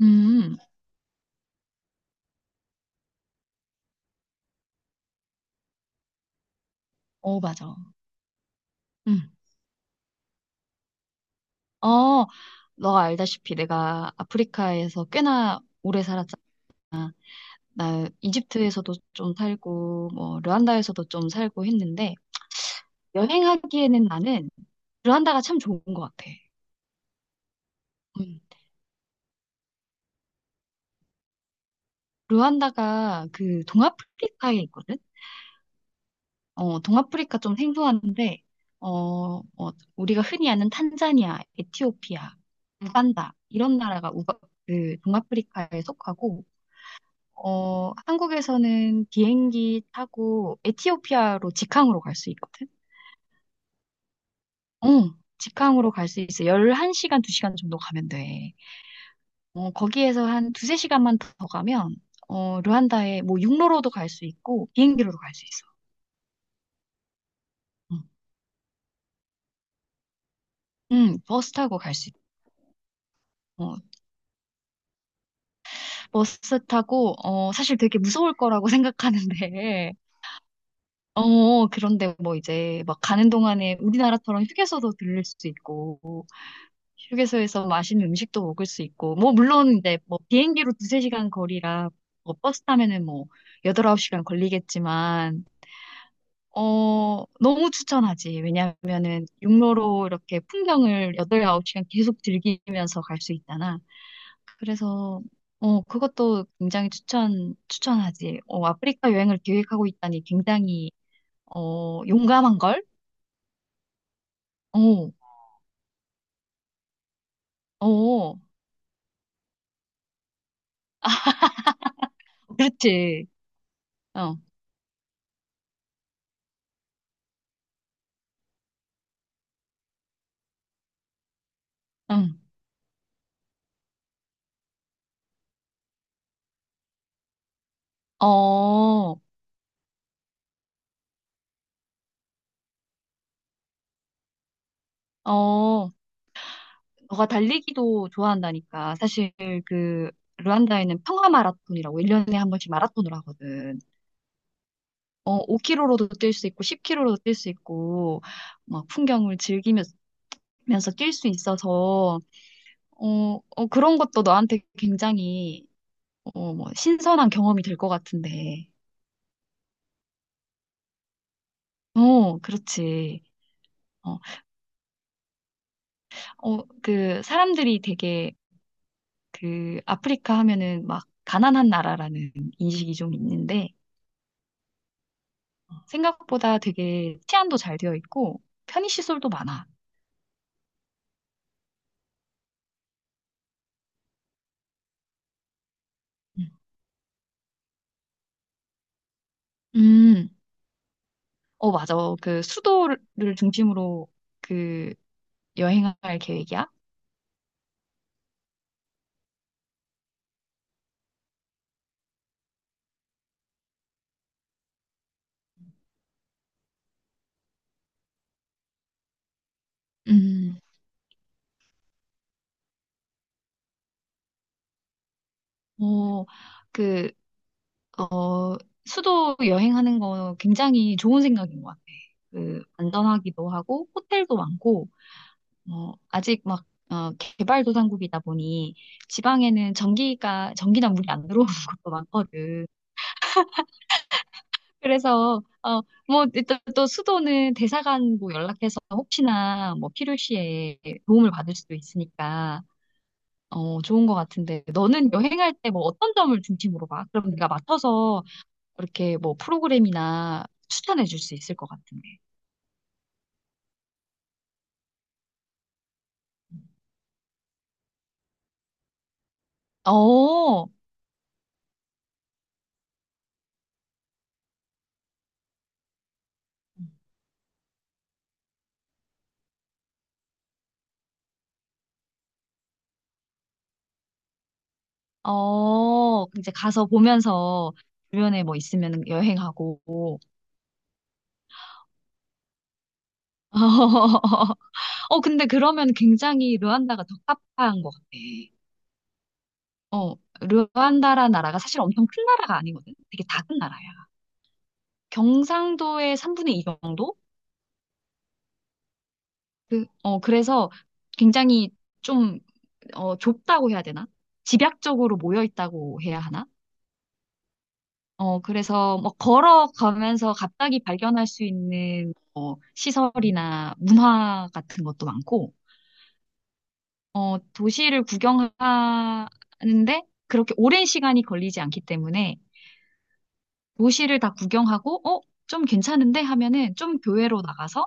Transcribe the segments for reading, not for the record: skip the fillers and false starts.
음, 맞아. 음. 어, 너가 알다시피 내가 아프리카에서 꽤나 오래 살았잖아. 나 이집트에서도 좀 살고, 뭐, 르완다에서도 좀 살고 했는데, 여행하기에는 나는 르완다가 참 좋은 것 같아. 음. 르완다가 그 동아프리카에 있거든? 동아프리카 좀 생소한데, 어, 어, 우리가 흔히 아는 탄자니아, 에티오피아, 우간다, 이런 나라가 그 동아프리카에 속하고, 한국에서는 비행기 타고 에티오피아로 직항으로 갈 수 있거든? 응, 직항으로 갈 수 있어. 11시간, 2시간 정도 가면 돼. 거기에서 한 두세 시간만 더 가면, 르완다에 뭐 육로로도 갈 수 있고, 비행기로도 갈 수 있어. 응, 응, 버스 타고 갈 수 있어. 어, 버스 타고, 사실 되게 무서울 거라고 생각하는데, 그런데 뭐 이제 막 가는 동안에 우리나라처럼 휴게소도 들릴 수 있고, 휴게소에서 맛있는 음식도 먹을 수 있고, 뭐, 물론 이제 뭐 비행기로 두세 시간 거리라, 뭐 버스 타면은 뭐 여덟, 아홉 시간 걸리겠지만, 너무 추천하지. 왜냐면은 육로로 이렇게 풍경을 여덟, 아홉 시간 계속 즐기면서 갈 수 있잖아. 그래서, 그것도 굉장히 추천하지. 아프리카 여행을 계획하고 있다니 굉장히, 용감한 걸? 어, 어, 그렇지. 어, 응. 어, 어. 너가 달리기도 좋아한다니까. 사실 그 르완다에는 평화 마라톤이라고 1년에 한 번씩 마라톤을 하거든. 5km로도 뛸 수 있고 10km로도 뛸 수 있고 막 풍경을 즐기면서 뛸 수 있어서 그런 것도 너한테 굉장히 뭐 신선한 경험이 될 것 같은데. 그렇지. 어, 그 사람들이 되게 그 아프리카 하면은 막 가난한 나라라는 인식이 좀 있는데 생각보다 되게 치안도 잘 되어 있고 편의시설도 많아. 음. 음, 맞아. 그 수도를 중심으로 그 여행할 계획이야. 음, 어, 그, 어, 수도 여행하는 거 굉장히 좋은 생각인 것 같아. 그, 안전하기도 하고, 호텔도 많고, 아직 막, 개발도상국이다 보니, 지방에는 전기나 물이 안 들어오는 곳도 많거든. 그래서 뭐 일단 또 수도는 대사관 뭐 연락해서 혹시나 뭐 필요시에 도움을 받을 수도 있으니까 좋은 것 같은데 너는 여행할 때 뭐 어떤 점을 중심으로 봐? 그럼 네가 맡아서 이렇게 뭐 프로그램이나 추천해 줄 수 있을 것 같은데. 어, 이제 가서 보면서 주변에 뭐 있으면 여행하고. 근데 그러면 굉장히 르완다가 적합한 것 같아. 어, 르완다라는 나라가 사실 엄청 큰 나라가 아니거든. 되게 작은 나라야. 경상도의 3분의 2 정도? 그래서 굉장히 좀, 좁다고 해야 되나? 집약적으로 모여 있다고 해야 하나? 그래서 뭐 걸어가면서 갑자기 발견할 수 있는 시설이나 문화 같은 것도 많고, 도시를 구경하는데 그렇게 오랜 시간이 걸리지 않기 때문에 도시를 다 구경하고, 좀 괜찮은데 하면은 좀 교외로 나가서,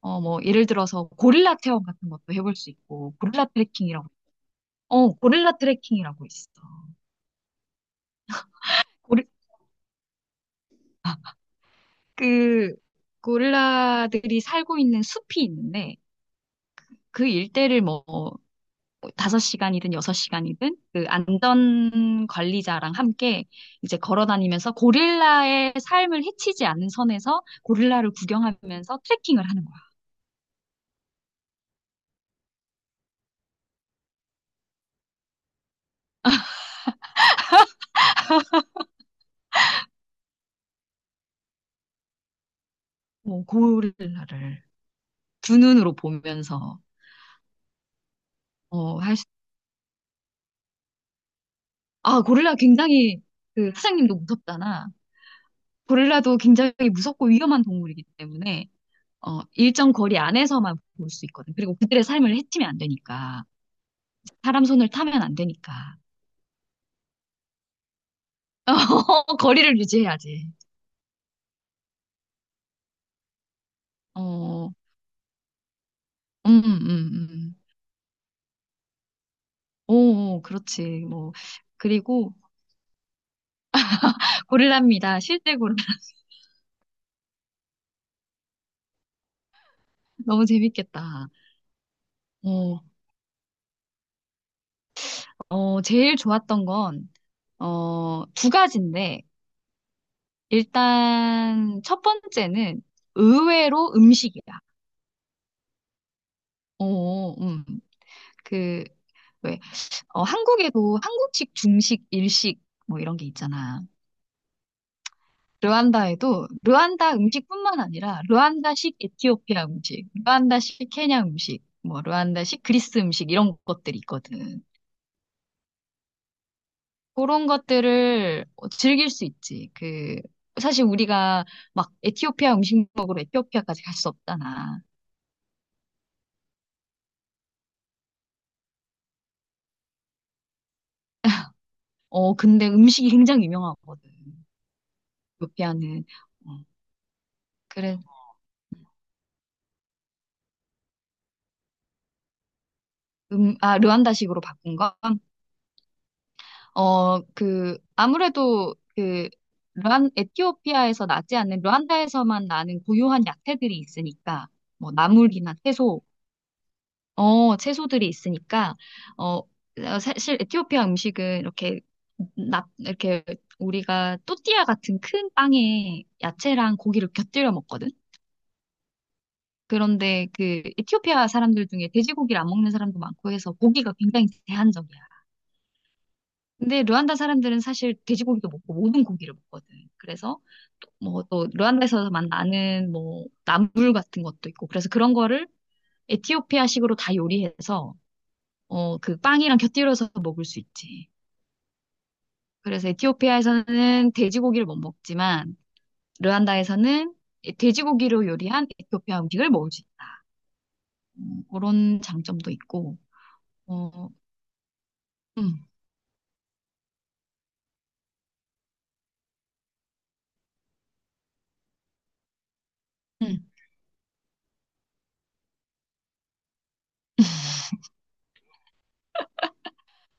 뭐, 예를 들어서 고릴라 체험 같은 것도 해볼 수 있고, 고릴라 트레킹이라고 있어. 고리, 아, 그, 고릴라들이 살고 있는 숲이 있는데, 그 일대를 뭐, 5시간이든 6시간이든 그 안전 관리자랑 함께 이제 걸어 다니면서 고릴라의 삶을 해치지 않는 선에서 고릴라를 구경하면서 트레킹을 하는 거야. 뭐 고릴라를. 두 눈으로 보면서 어, 할 수, 고릴라 굉장히 그 사장님도 무섭잖아. 고릴라도 굉장히 무섭고 위험한 동물이기 때문에 일정 거리 안에서만 볼 수 있거든. 그리고 그들의 삶을 해치면 안 되니까. 사람 손을 타면 안 되니까. 거리를 유지해야지. 어, 음, 음. 오, 오, 그렇지. 뭐. 그리고 고릴라입니다. 실제 고릴라. 너무 재밌겠다. 어, 제일 좋았던 건, 두 가지인데, 일단 첫 번째는 의외로 음식이야. 어, 음, 그, 왜, 한국에도 한국식, 중식, 일식 뭐 이런 게 있잖아. 르완다에도 르완다 음식뿐만 아니라 르완다식 에티오피아 음식, 르완다식 케냐 음식, 뭐 르완다식 그리스 음식 이런 것들이 있거든. 그런 것들을 즐길 수 있지. 그 사실 우리가 막 에티오피아 음식 먹으러 에티오피아까지 갈 수 없잖아. 근데 음식이 굉장히 유명하거든. 루피아는. 어, 그래. 아, 르완다식으로 바꾼 건? 그, 아무래도 그, 에티오피아에서 나지 않는 르완다에서만 나는 고유한 야채들이 있으니까, 뭐, 나물이나 채소들이 있으니까, 어, 사실 에티오피아 음식은 이렇게, 이렇게 우리가 또띠아 같은 큰 빵에 야채랑 고기를 곁들여 먹거든. 그런데 그 에티오피아 사람들 중에 돼지고기를 안 먹는 사람도 많고 해서 고기가 굉장히 제한적이야. 근데 르완다 사람들은 사실 돼지고기도 먹고 모든 고기를 먹거든. 그래서 뭐 또 르완다에서만 나는 뭐 나물 같은 것도 있고 그래서 그런 거를 에티오피아식으로 다 요리해서 그 빵이랑 곁들여서 먹을 수 있지. 그래서 에티오피아에서는 돼지고기를 못 먹지만 르완다에서는 돼지고기로 요리한 에티오피아 음식을 먹을 수 있다. 그런 장점도 있고. 어, 음. 응,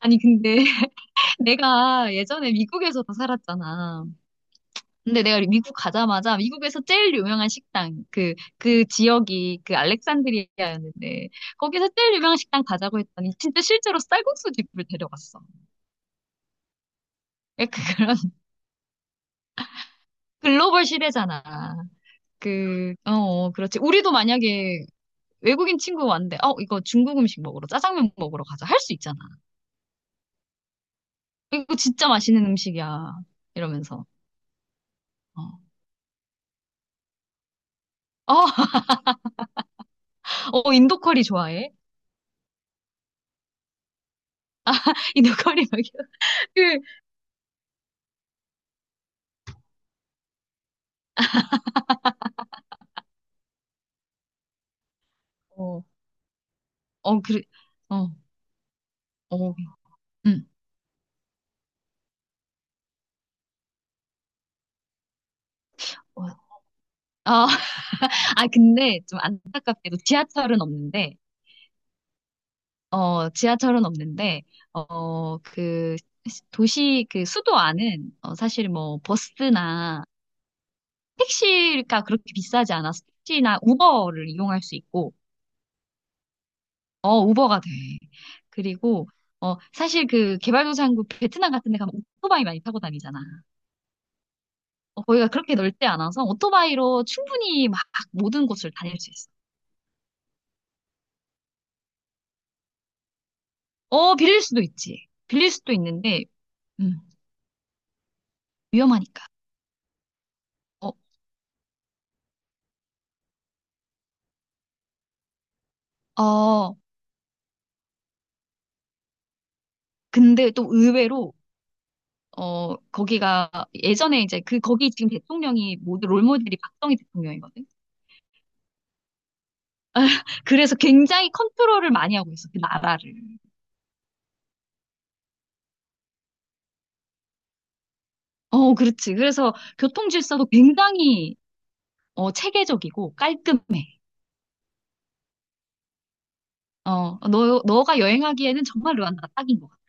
아니, 근데 내가 예전에 미국에서 살았잖아. 근데 내가 미국 가자마자 미국에서 제일 유명한 식당, 그 지역이 그 알렉산드리아였는데, 거기서 제일 유명한 식당 가자고 했더니 진짜 실제로 쌀국수 집을 데려갔어. 그런 글로벌 시대잖아. 그렇지. 우리도 만약에 외국인 친구 왔는데, 이거 중국 음식 먹으러, 짜장면 먹으러 가자. 할 수 있잖아. 이거 진짜 맛있는 음식이야. 이러면서. 어, 어, 인도 커리 좋아해? 이 너구리 막이 그, 어, 그래, 어, 어, 응. 어, 아, 아, 근데 좀 안타깝게도 지하철은 없는데, 지하철은 없는데, 그, 도시, 그 수도 안은, 사실 뭐, 버스나 택시가 그렇게 비싸지 않아서 택시나 우버를 이용할 수 있고, 우버가 돼. 그리고, 사실 그 개발도상국 베트남 같은 데 가면 오토바이 많이 타고 다니잖아. 거기가 그렇게 넓지 않아서 오토바이로 충분히 막 모든 곳을 다닐 수 있어. 빌릴 수도 있지. 빌릴 수도 있는데, 음, 위험하니까. 어, 어, 근데 또 의외로, 거기가 예전에 이제 그, 거기 지금 대통령이 모두 롤모델이 박정희 대통령이거든. 그래서 굉장히 컨트롤을 많이 하고 있어, 그 나라를. 그렇지. 그래서 교통 질서도 굉장히, 체계적이고 깔끔해. 너가 여행하기에는 정말 르완다가 딱인 것 같아.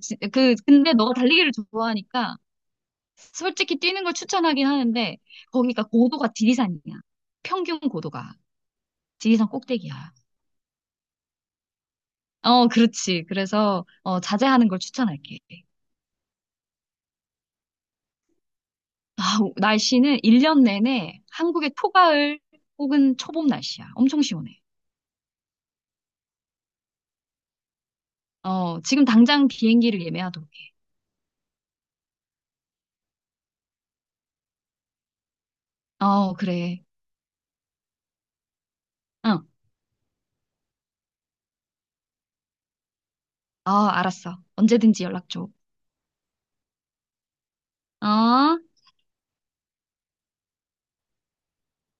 근데 너가 달리기를 좋아하니까 솔직히 뛰는 걸 추천하긴 하는데 거기가 고도가 지리산이야. 평균 고도가. 지리산 꼭대기야. 그렇지. 그래서 자제하는 걸 추천할게. 아, 날씨는 1년 내내 한국의 초가을 혹은 초봄 날씨야. 엄청 시원해. 지금 당장 비행기를 예매하도록 해. 어, 그래. 응. 어, 알았어. 언제든지 연락 줘. 어?